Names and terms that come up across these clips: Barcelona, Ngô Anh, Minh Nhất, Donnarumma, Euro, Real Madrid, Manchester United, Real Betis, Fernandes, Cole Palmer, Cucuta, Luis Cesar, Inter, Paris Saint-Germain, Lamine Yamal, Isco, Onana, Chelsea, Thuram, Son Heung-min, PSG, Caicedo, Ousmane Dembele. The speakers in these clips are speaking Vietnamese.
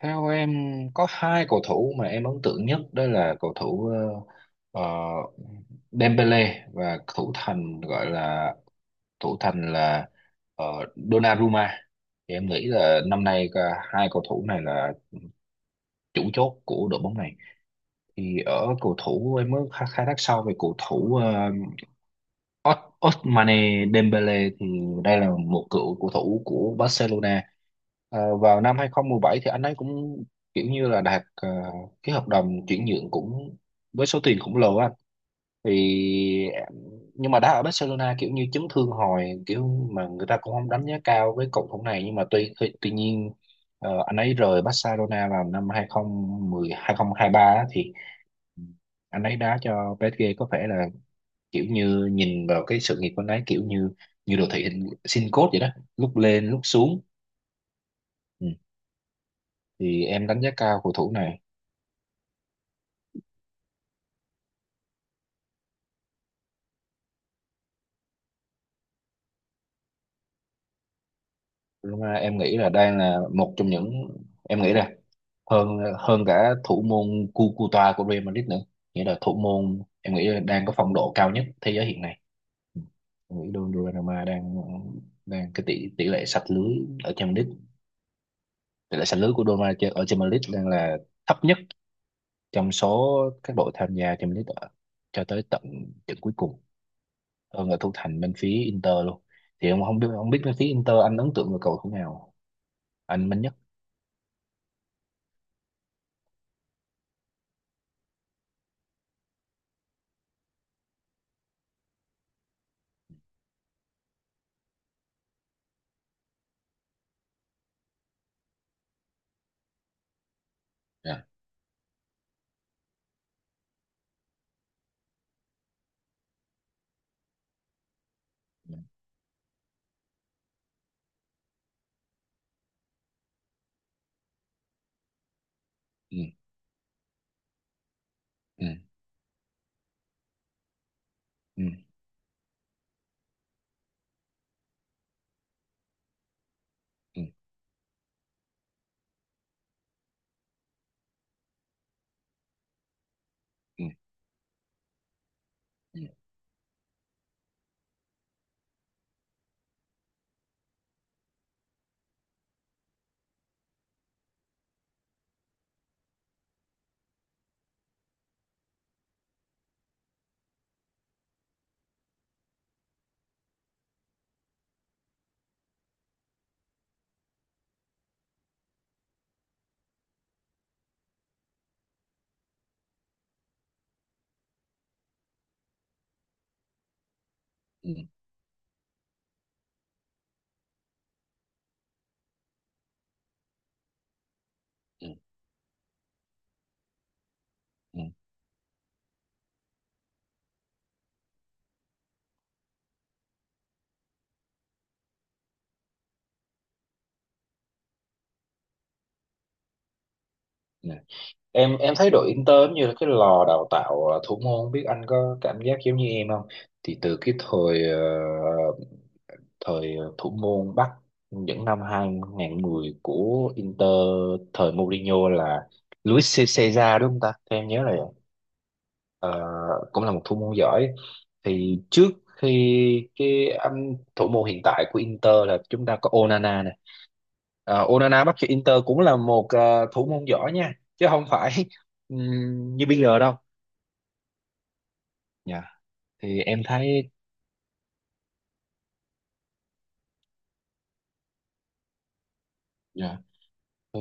Theo em có hai cầu thủ mà em ấn tượng nhất, đó là cầu thủ ờ, ờ, Dembele và thủ thành gọi là thủ thành là ờ, Donnarumma. Thì em nghĩ là năm nay cả hai cầu thủ này là chủ chốt của đội bóng này. Thì ở cầu thủ, em mới khai khai thác sau về cầu thủ Ousmane Dembele, thì đây là một cựu cầu thủ của Barcelona. Vào năm 2017, thì anh ấy cũng kiểu như là đạt cái hợp đồng chuyển nhượng cũng với số tiền khổng lồ á. Thì nhưng mà đá ở Barcelona kiểu như chấn thương hồi, kiểu mà người ta cũng không đánh giá cao với cầu thủ này, nhưng mà tuy tuy, tuy nhiên anh ấy rời Barcelona vào năm 2010 2023 á, thì anh ấy đá cho PSG. Có vẻ là kiểu như nhìn vào cái sự nghiệp của anh ấy, kiểu như như đồ thị hình sin code vậy đó, lúc lên lúc xuống. Ừ. Thì em đánh giá cao cầu thủ này. Lúc mà em nghĩ là đang là một trong những, em nghĩ là hơn hơn cả thủ môn Cucuta của Real Madrid nữa, nghĩa là thủ môn em nghĩ là đang có phong độ cao nhất thế giới hiện nay. Ừ. Em nghĩ Donnarumma đang đang cái tỷ tỷ lệ sạch lưới ở Champions League, tỷ lệ sạch lưới của Donnarumma ở Champions League đang là thấp nhất trong số các đội tham gia trong lít cho tới tận trận cuối cùng, hơn là thủ thành bên phía Inter luôn. Thì ông không biết, bên phía Inter anh ấn tượng về cầu thủ nào, anh mạnh nhất? Dạ. Ừ. Ừ. Ừ. Ừ. Ừ. Ừ. Ừ. Ừ. Ừ. Ừ. Em thấy đội Inter giống như là cái lò đào tạo thủ môn, không biết anh có cảm giác giống như em không? Thì từ cái thời thời thủ môn Bắc những năm 2010 của Inter, thời Mourinho là Luis Cesar đúng không ta? Theo em nhớ là vậy. Ờ, Cũng là một thủ môn giỏi. Thì trước khi cái anh thủ môn hiện tại của Inter là chúng ta có Onana này. Onana bắt cho Inter cũng là một thủ môn giỏi nha, chứ không phải như bây giờ đâu. Dạ. Thì em thấy, dạ, thì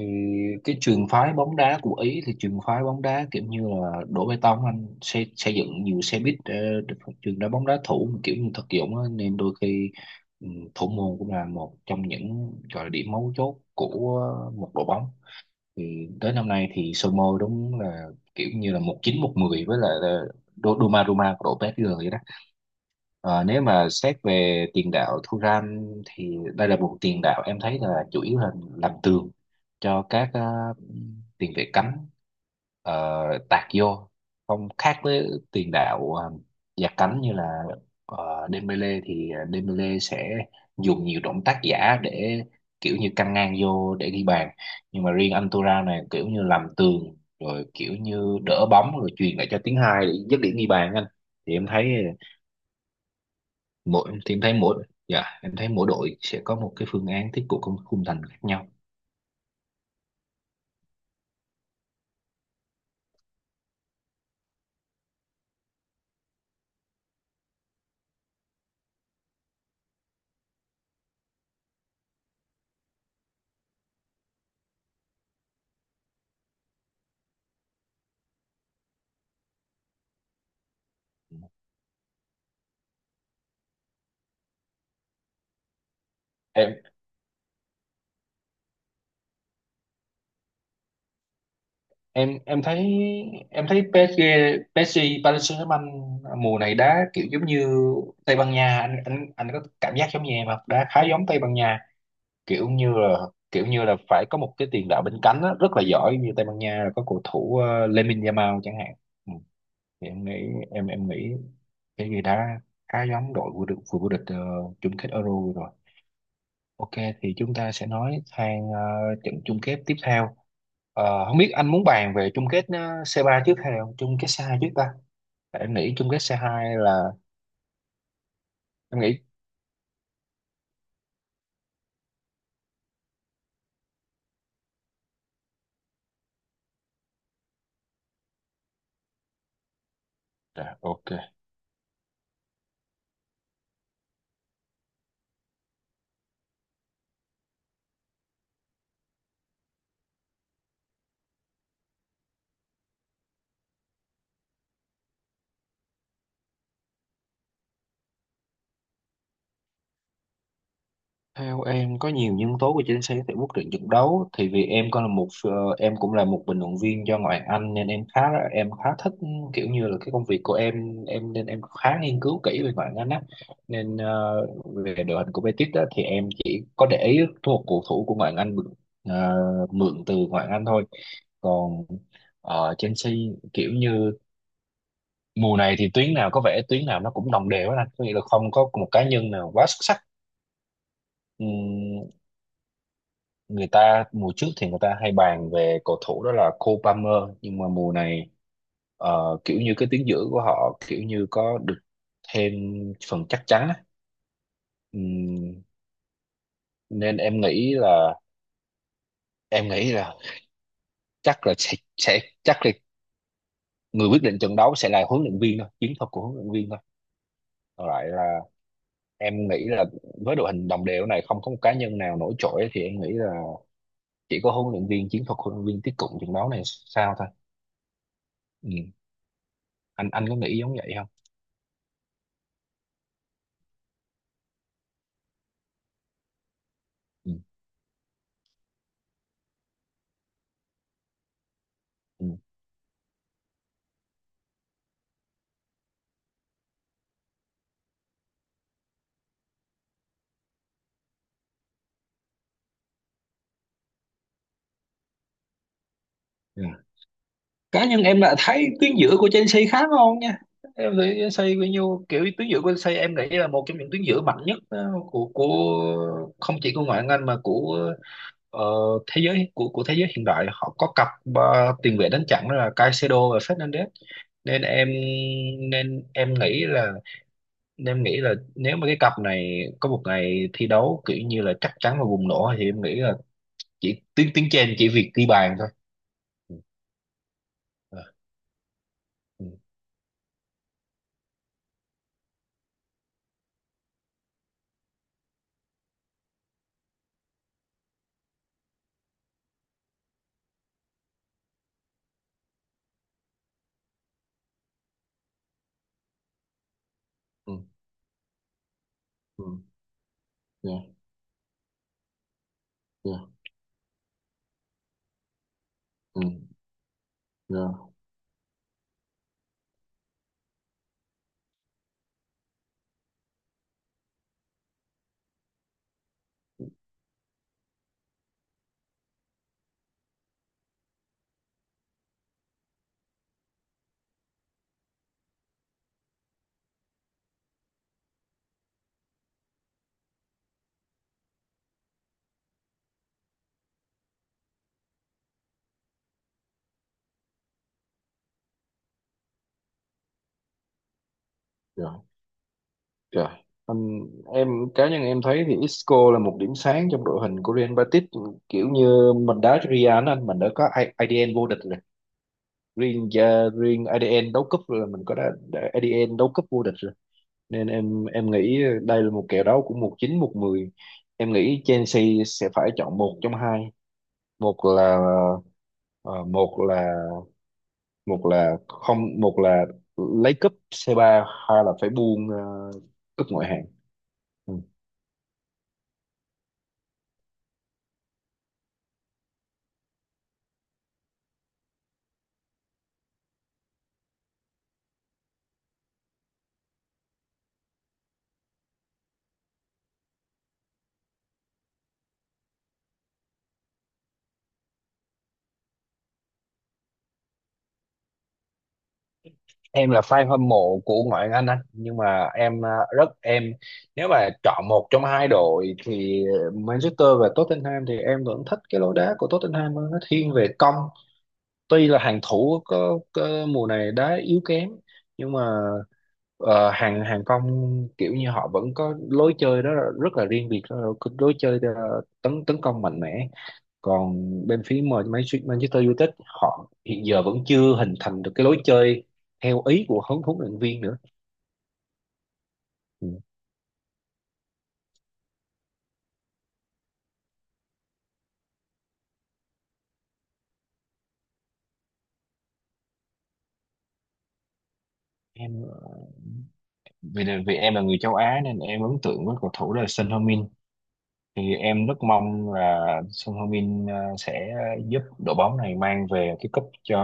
cái trường phái bóng đá của Ý, thì trường phái bóng đá kiểu như là đổ bê tông, anh xây dựng nhiều xe buýt, trường đá bóng đá thủ, mà kiểu như thực dụng á, nên đôi khi ừ, thủ môn cũng là một trong những gọi là điểm mấu chốt của một đội bóng. Thì tới năm nay thì Somo đúng là kiểu như là một chín một mười với lại là Doma của đội PSG vậy đó. Ờ, Nếu mà xét về tiền đạo Thuram, thì đây là một tiền đạo em thấy là chủ yếu là làm tường cho các tiền vệ cánh ờ, tạt vô, không khác với tiền đạo dạt cánh như là Dembele. Thì Dembele sẽ dùng nhiều động tác giả để kiểu như căng ngang vô để ghi bàn, nhưng mà riêng anh Tura này kiểu như làm tường, rồi kiểu như đỡ bóng rồi truyền lại cho tiếng hai để dứt điểm ghi bàn anh. Thì em thấy mỗi, em thấy mỗi đội sẽ có một cái phương án tiếp cận khung khung thành khác nhau. Em em em thấy em thấy PSG PSG Paris Saint-Germain mùa này đá kiểu giống như Tây Ban Nha, anh có cảm giác giống như em không, đá khá giống Tây Ban Nha. Kiểu như là, phải có một cái tiền đạo bên cánh á, rất là giỏi như Tây Ban Nha là có cầu thủ Lamine Yamal chẳng hạn. Ừ. thì em nghĩ cái gì đã khá giống đội vô địch vừa vô địch chung kết Euro vừa rồi. Ok, thì chúng ta sẽ nói sang trận chung kết tiếp theo. Không biết anh muốn bàn về chung kết C3 trước hay là chung kết C2 trước ta? Tại em nghĩ chung kết C2 là em nghĩ dạ, ok. Theo em có nhiều nhân tố của chính xác tại quyết định trận đấu, thì vì em còn là một em cũng là một bình luận viên cho ngoại Anh, nên em khá thích. Kiểu như là cái công việc của em nên em khá nghiên cứu kỹ về ngoại Anh á, nên về đội hình của Betis đó thì em chỉ có để ý một cầu thủ của ngoại Anh mượn, ờ, mượn từ ngoại Anh thôi. Còn Chelsea kiểu như mùa này, thì tuyến nào, nó cũng đồng đều hết anh, có nghĩa là không có một cá nhân nào quá xuất sắc. Ừm, Người ta mùa trước thì người ta hay bàn về cầu thủ đó là Cole Palmer, nhưng mà mùa này kiểu như cái tuyến giữa của họ kiểu như có được thêm phần chắc chắn á. Ừm, Nên em nghĩ là, em nghĩ là chắc là người quyết định trận đấu sẽ là huấn luyện viên thôi, chiến thuật của huấn luyện viên thôi. Còn lại là em nghĩ là, với đội hình đồng đều này không có một cá nhân nào nổi trội, thì em nghĩ là chỉ có huấn luyện viên, chiến thuật huấn luyện viên tiếp cận trận đấu này sao thôi. Ừm, anh có nghĩ giống vậy không? Ừm, Dạ. Cá nhân em là thấy tuyến giữa của Chelsea khá ngon nha. Em thấy Chelsea bao nhiêu kiểu, tuyến giữa của Chelsea em nghĩ là một trong những tuyến giữa mạnh nhất của không chỉ của ngoại hạng Anh mà của ờ, thế giới, của thế giới hiện đại. Họ có cặp tiền vệ đánh chặn, đó là Caicedo và Fernandes. Nên em nên em nghĩ là, nếu mà cái cặp này có một ngày thi đấu kiểu như là chắc chắn và bùng nổ, thì em nghĩ là chỉ tiếng tiếng trên chỉ việc ghi bàn thôi. Ừ. Ừ. Ừ. Ừ. Dạ, ừ, dạ, dạ, trời. Anh, em cá nhân em thấy thì Isco là một điểm sáng trong đội hình của Real Betis. Kiểu như mình đá Real anh, mình đã có IDN vô địch rồi. Riêng riêng IDN đấu cúp là mình có đã IDN đấu cúp vô địch rồi, nên em nghĩ đây là một kèo đấu của một chín một mười. Em nghĩ Chelsea sẽ phải chọn một trong hai. Một là, ờ, một là không một là lấy cúp C3, hay là phải buông cúp ngoại hạng. Ừ. Em là fan hâm mộ của ngoại hạng Anh, nhưng mà em à, rất em nếu mà chọn một trong hai đội thì Manchester và Tottenham, thì em vẫn thích cái lối đá của Tottenham hơn, nó thiên về công. Tuy là hàng thủ có mùa này đá yếu kém, nhưng mà hàng hàng công kiểu như họ vẫn có lối chơi đó, là rất là riêng biệt, đó là lối chơi tấn tấn công mạnh mẽ. Còn bên phía mà Manchester United họ hiện giờ vẫn chưa hình thành được cái lối chơi theo ý của huấn huấn luyện viên nữa. Ừ. Em vì em là người châu Á nên em ấn tượng với cầu thủ là Son Heung-min. Thì em rất mong là Son Heung-min à, sẽ giúp đội bóng này mang về cái cúp cho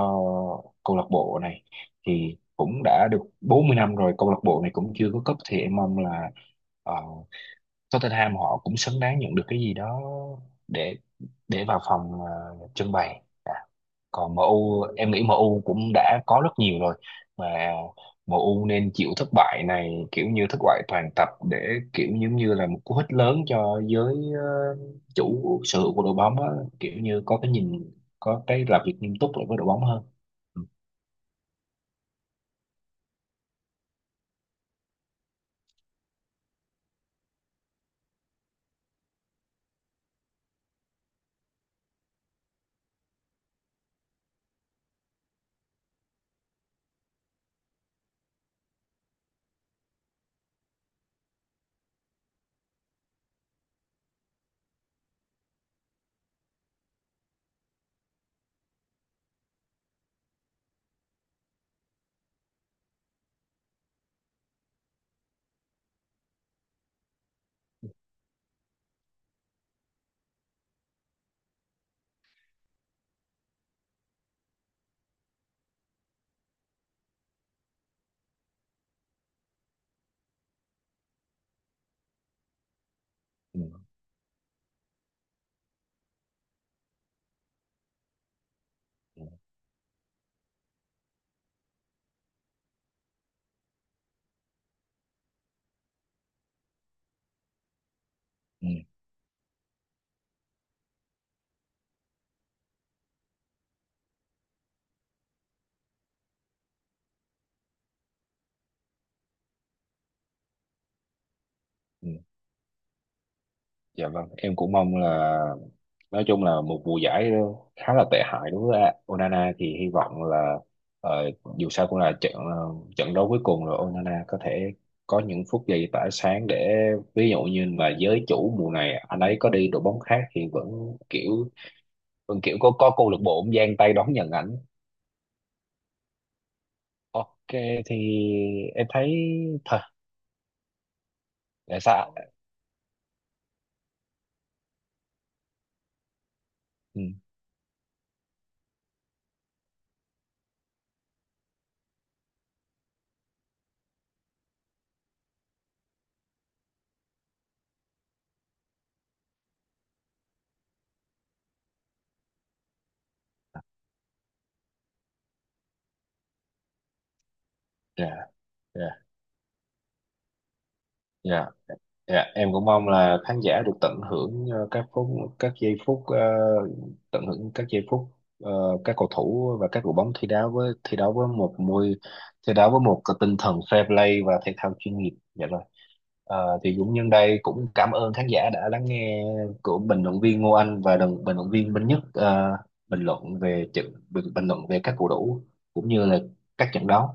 câu lạc bộ này, thì cũng đã được 40 năm rồi câu lạc bộ này cũng chưa có cúp. Thì em mong là ờ, Tottenham họ cũng xứng đáng nhận được cái gì đó để vào phòng trưng bày à. Còn MU, em nghĩ MU cũng đã có rất nhiều rồi, mà MU nên chịu thất bại này, kiểu như thất bại toàn tập, để kiểu giống như là một cú hích lớn cho giới ờ, chủ sở hữu của đội bóng á, kiểu như có cái nhìn, có cái làm việc nghiêm túc lại với đội bóng hơn. Ừ, ừ, ừ, ừ. Ừ. Dạ vâng, em cũng mong là, nói chung là một mùa giải khá là tệ hại đối với Onana, thì hy vọng là ờ, dù sao cũng là trận đấu cuối cùng rồi, Onana có thể có những phút giây tỏa sáng, để ví dụ như là giới chủ mùa này anh ấy có đi đội bóng khác thì vẫn kiểu có câu lạc bộ cũng giang tay đón nhận ảnh. Ok, thì em thấy thôi để sao. Ừ, dạ, dạ. Dạ, dạ, em cũng mong là khán giả được tận hưởng các giây phút, ờ, tận hưởng các giây phút ờ, các cầu thủ và các đội bóng thi đấu với một cái tinh thần fair play và thể thao chuyên nghiệp. Dạ rồi. Thì cũng nhân đây cũng cảm ơn khán giả đã lắng nghe của bình luận viên Ngô Anh và đồng bình luận viên Minh Nhất, bình luận về trận. Bình luận về các cầu thủ cũng như là các trận đấu.